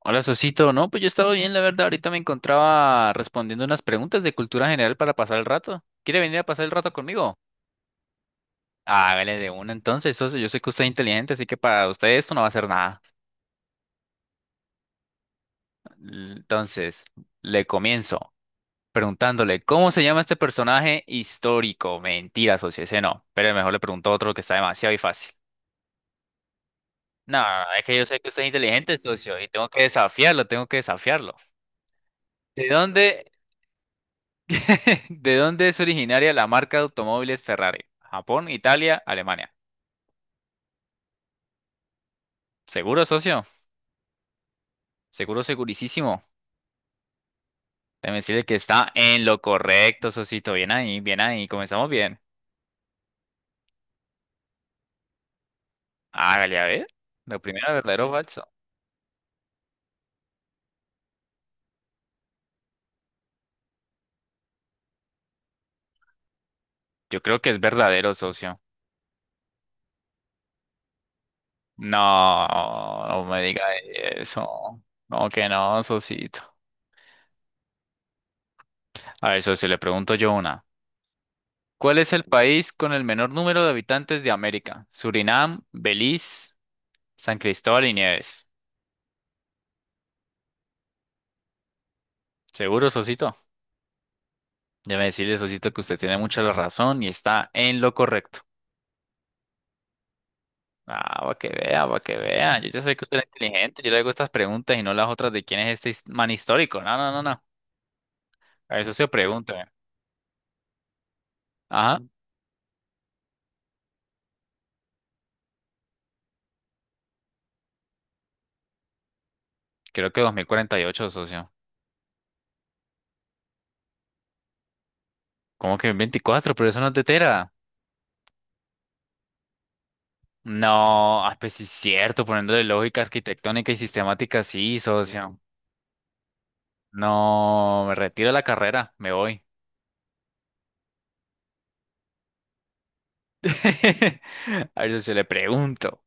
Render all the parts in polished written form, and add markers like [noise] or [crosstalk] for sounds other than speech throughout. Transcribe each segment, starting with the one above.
Hola, Sosito. No, pues yo estaba bien, la verdad. Ahorita me encontraba respondiendo unas preguntas de cultura general para pasar el rato. ¿Quiere venir a pasar el rato conmigo? Hágale de una entonces, socio. Yo sé que usted es inteligente, así que para usted esto no va a ser nada. Entonces, le comienzo preguntándole, ¿cómo se llama este personaje histórico? Mentira, socio, ese no. Pero mejor le pregunto otro que está demasiado y fácil. No, no, no, es que yo sé que usted es inteligente, socio, y tengo que desafiarlo, tengo que desafiarlo. ¿De dónde [laughs] ¿De dónde es originaria la marca de automóviles Ferrari? Japón, Italia, Alemania. ¿Seguro, socio? Seguro, segurísimo. Déjeme decirle que está en lo correcto, socito. Bien ahí, bien ahí. Comenzamos bien. Hágale a ver. Lo primero, verdadero o falso. Yo creo que es verdadero, socio. No, no me diga eso. No, que no, socito. A ver, socio, le pregunto yo una. ¿Cuál es el país con el menor número de habitantes de América? Surinam, Belice, San Cristóbal y Nieves. Seguro, Sosito. Déjame decirle, Sosito, que usted tiene mucha la razón y está en lo correcto. Ah, va que vea, va que vea. Yo ya sé que usted es inteligente. Yo le hago estas preguntas y no las otras de quién es este man histórico. No, no, no, no. A eso se pregunta. Ajá. Creo que 2048, socio. ¿Cómo que 24? Pero eso no es de Tera. No, pues sí es cierto. Poniéndole lógica arquitectónica y sistemática, sí, socio. No, me retiro de la carrera. Me voy. [laughs] A ver, socio, le pregunto.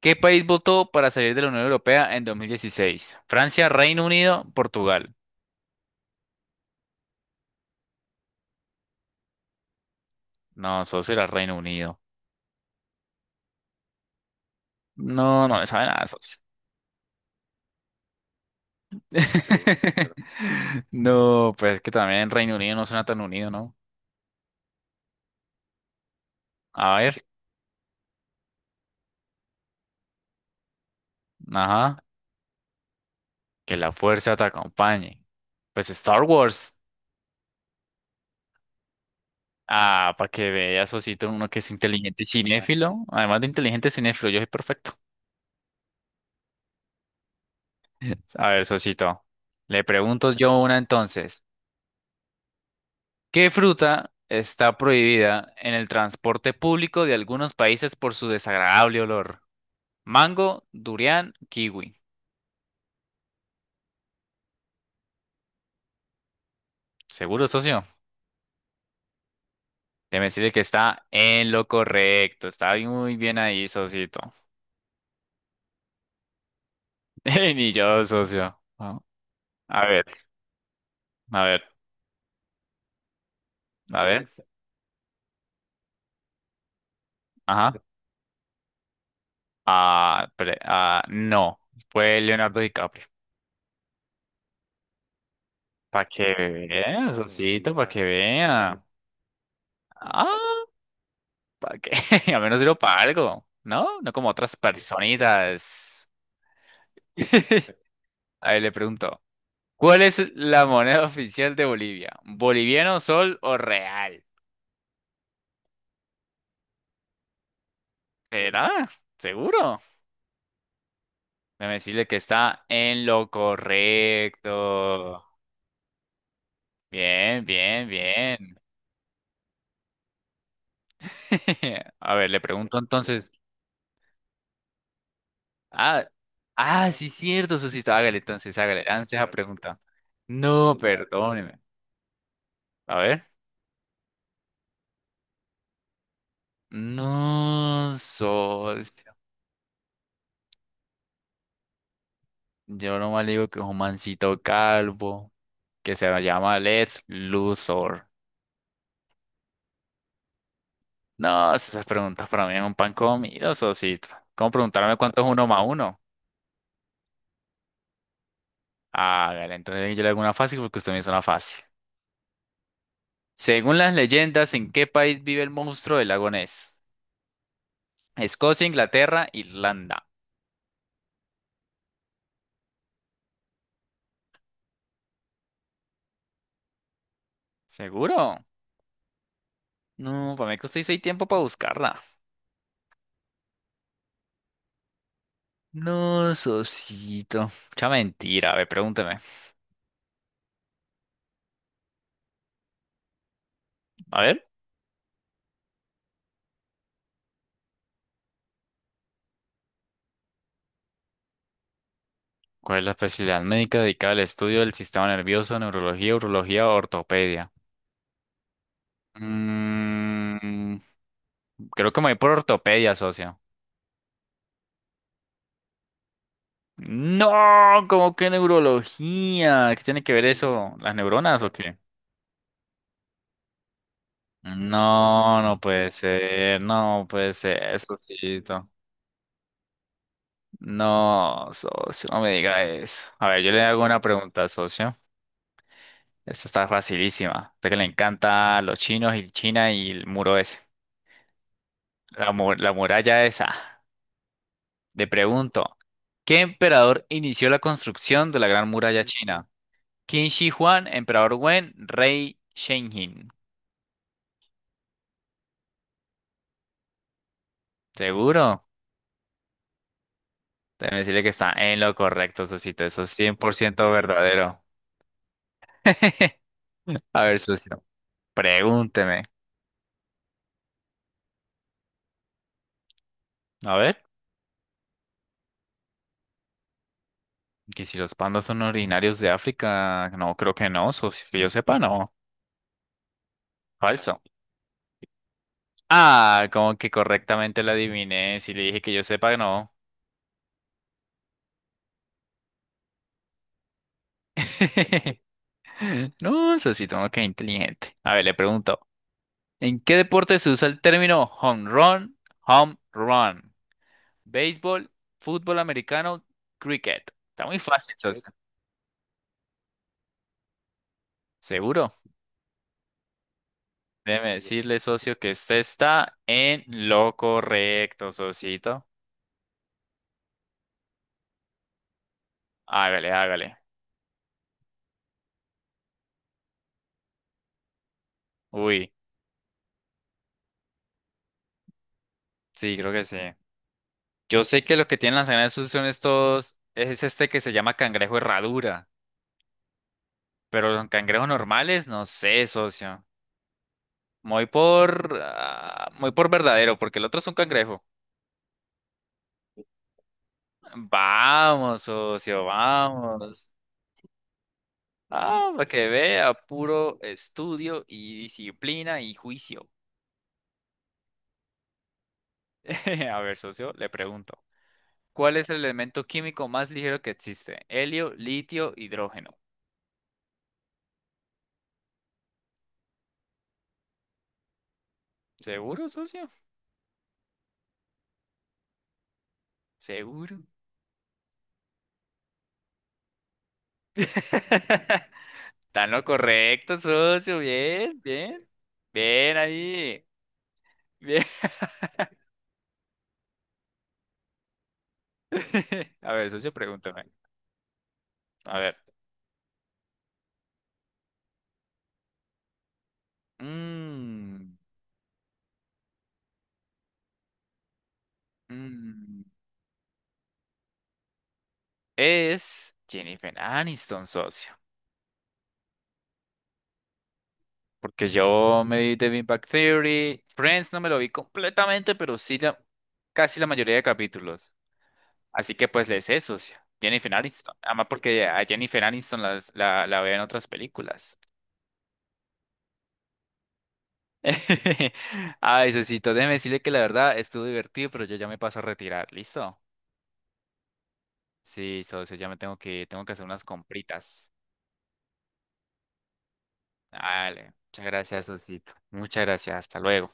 ¿Qué país votó para salir de la Unión Europea en 2016? Francia, Reino Unido, Portugal. No, socio, era Reino Unido. No, no me sabe nada, socio. [laughs] No, pues es que también Reino Unido no suena tan unido, ¿no? A ver, ajá, que la fuerza te acompañe. Pues Star Wars. Ah, para que veas, socito, uno que es inteligente y cinéfilo. Además de inteligente cinéfilo, yo soy perfecto. [laughs] A ver, socito, le pregunto yo una entonces. ¿Qué fruta está prohibida en el transporte público de algunos países por su desagradable olor? Mango, durián, kiwi. Seguro, socio. Déjeme decirle que está en lo correcto. Está muy bien ahí, socito. [laughs] Ni yo, socio. Ah, a ver, a ver, a ver. Ajá. No. Fue Leonardo DiCaprio. Para que vea, socito, para que vea. Ah. ¿Para qué? [laughs] Al menos sirvo para algo, ¿no? No como otras personitas. [laughs] A ver, le pregunto, ¿cuál es la moneda oficial de Bolivia? ¿Boliviano, sol o real? ¿Será? ¿Seguro? Déjame decirle que está en lo correcto. Bien, bien, bien. [laughs] A ver, le pregunto entonces. Ah, ah, sí, cierto, Susito. Hágale entonces, hágale, lance esa pregunta. No, perdóneme. A ver. No, socio. Yo nomás le digo que es un mancito calvo, que se llama Let's Luthor. No, esas preguntas para mí es un pan comido, socito. ¿Cómo preguntarme cuánto es uno más uno? Hágale, entonces yo le hago una fácil porque usted me hizo una fácil. Según las leyendas, ¿en qué país vive el monstruo del lago Ness? Escocia, Inglaterra, Irlanda. ¿Seguro? No, para mí que usted hizo ahí tiempo para buscarla. No, socito. Mucha mentira. A ver, pregúnteme. A ver. ¿Cuál es la especialidad médica dedicada al estudio del sistema nervioso, neurología, urología o ortopedia? Mm, Creo que me voy por ortopedia, socio. No, ¿cómo que neurología? ¿Qué tiene que ver eso? ¿Las neuronas o qué? No, no puede ser, no puede ser, socito. No, socio, no me diga eso. A ver, yo le hago una pregunta, socio. Esta está facilísima. A usted que le encanta los chinos y China y el muro ese. La, la muralla esa. Te pregunto, ¿qué emperador inició la construcción de la Gran Muralla China? ¿Qin Shi Huang, Emperador Wen, Rey Shenjin? ¿Seguro? Déjame decirle que está en lo correcto, Sosito. Eso es cien por ciento verdadero. [laughs] A ver, socio, pregúnteme. A ver, que si los pandas son originarios de África, no, creo que no, socio, que yo sepa, no. Falso. Ah, como que correctamente la adiviné. Si le dije que yo sepa, no. [laughs] [laughs] No, Sosito, no, qué inteligente. A ver, le pregunto. ¿En qué deporte se usa el término home run, home run? Béisbol, fútbol americano, cricket. Está muy fácil, socio. ¿Seguro? Déjeme decirle, socio, que usted está en lo correcto, socito. Hágale, hágale. Uy, sí, creo que sí. Yo sé que los que tienen las sus son estos, es este que se llama cangrejo herradura, pero los cangrejos normales, no sé, socio. Muy por verdadero, porque el otro es un cangrejo. Vamos, socio, vamos. Ah, para que vea, puro estudio y disciplina y juicio. [laughs] A ver, socio, le pregunto. ¿Cuál es el elemento químico más ligero que existe? Helio, litio, hidrógeno. ¿Seguro, socio? Seguro. [laughs] Está en lo correcto, socio. Bien, bien. Bien ahí. Bien. [laughs] A ver, socio, pregúntame. A ver. Mm, mm. Es Jennifer Aniston, socio. Porque yo me vi The Big Bang Theory. Friends no me lo vi completamente, pero sí casi la mayoría de capítulos. Así que pues le sé, socio. Jennifer Aniston. Además porque a Jennifer Aniston la veo en otras películas. [laughs] Ay, socito, déjeme decirle que la verdad estuvo divertido, pero yo ya me paso a retirar. ¿Listo? Sí, socio, ya me tengo que hacer unas compritas. Dale, muchas gracias, Osito. Muchas gracias, hasta luego.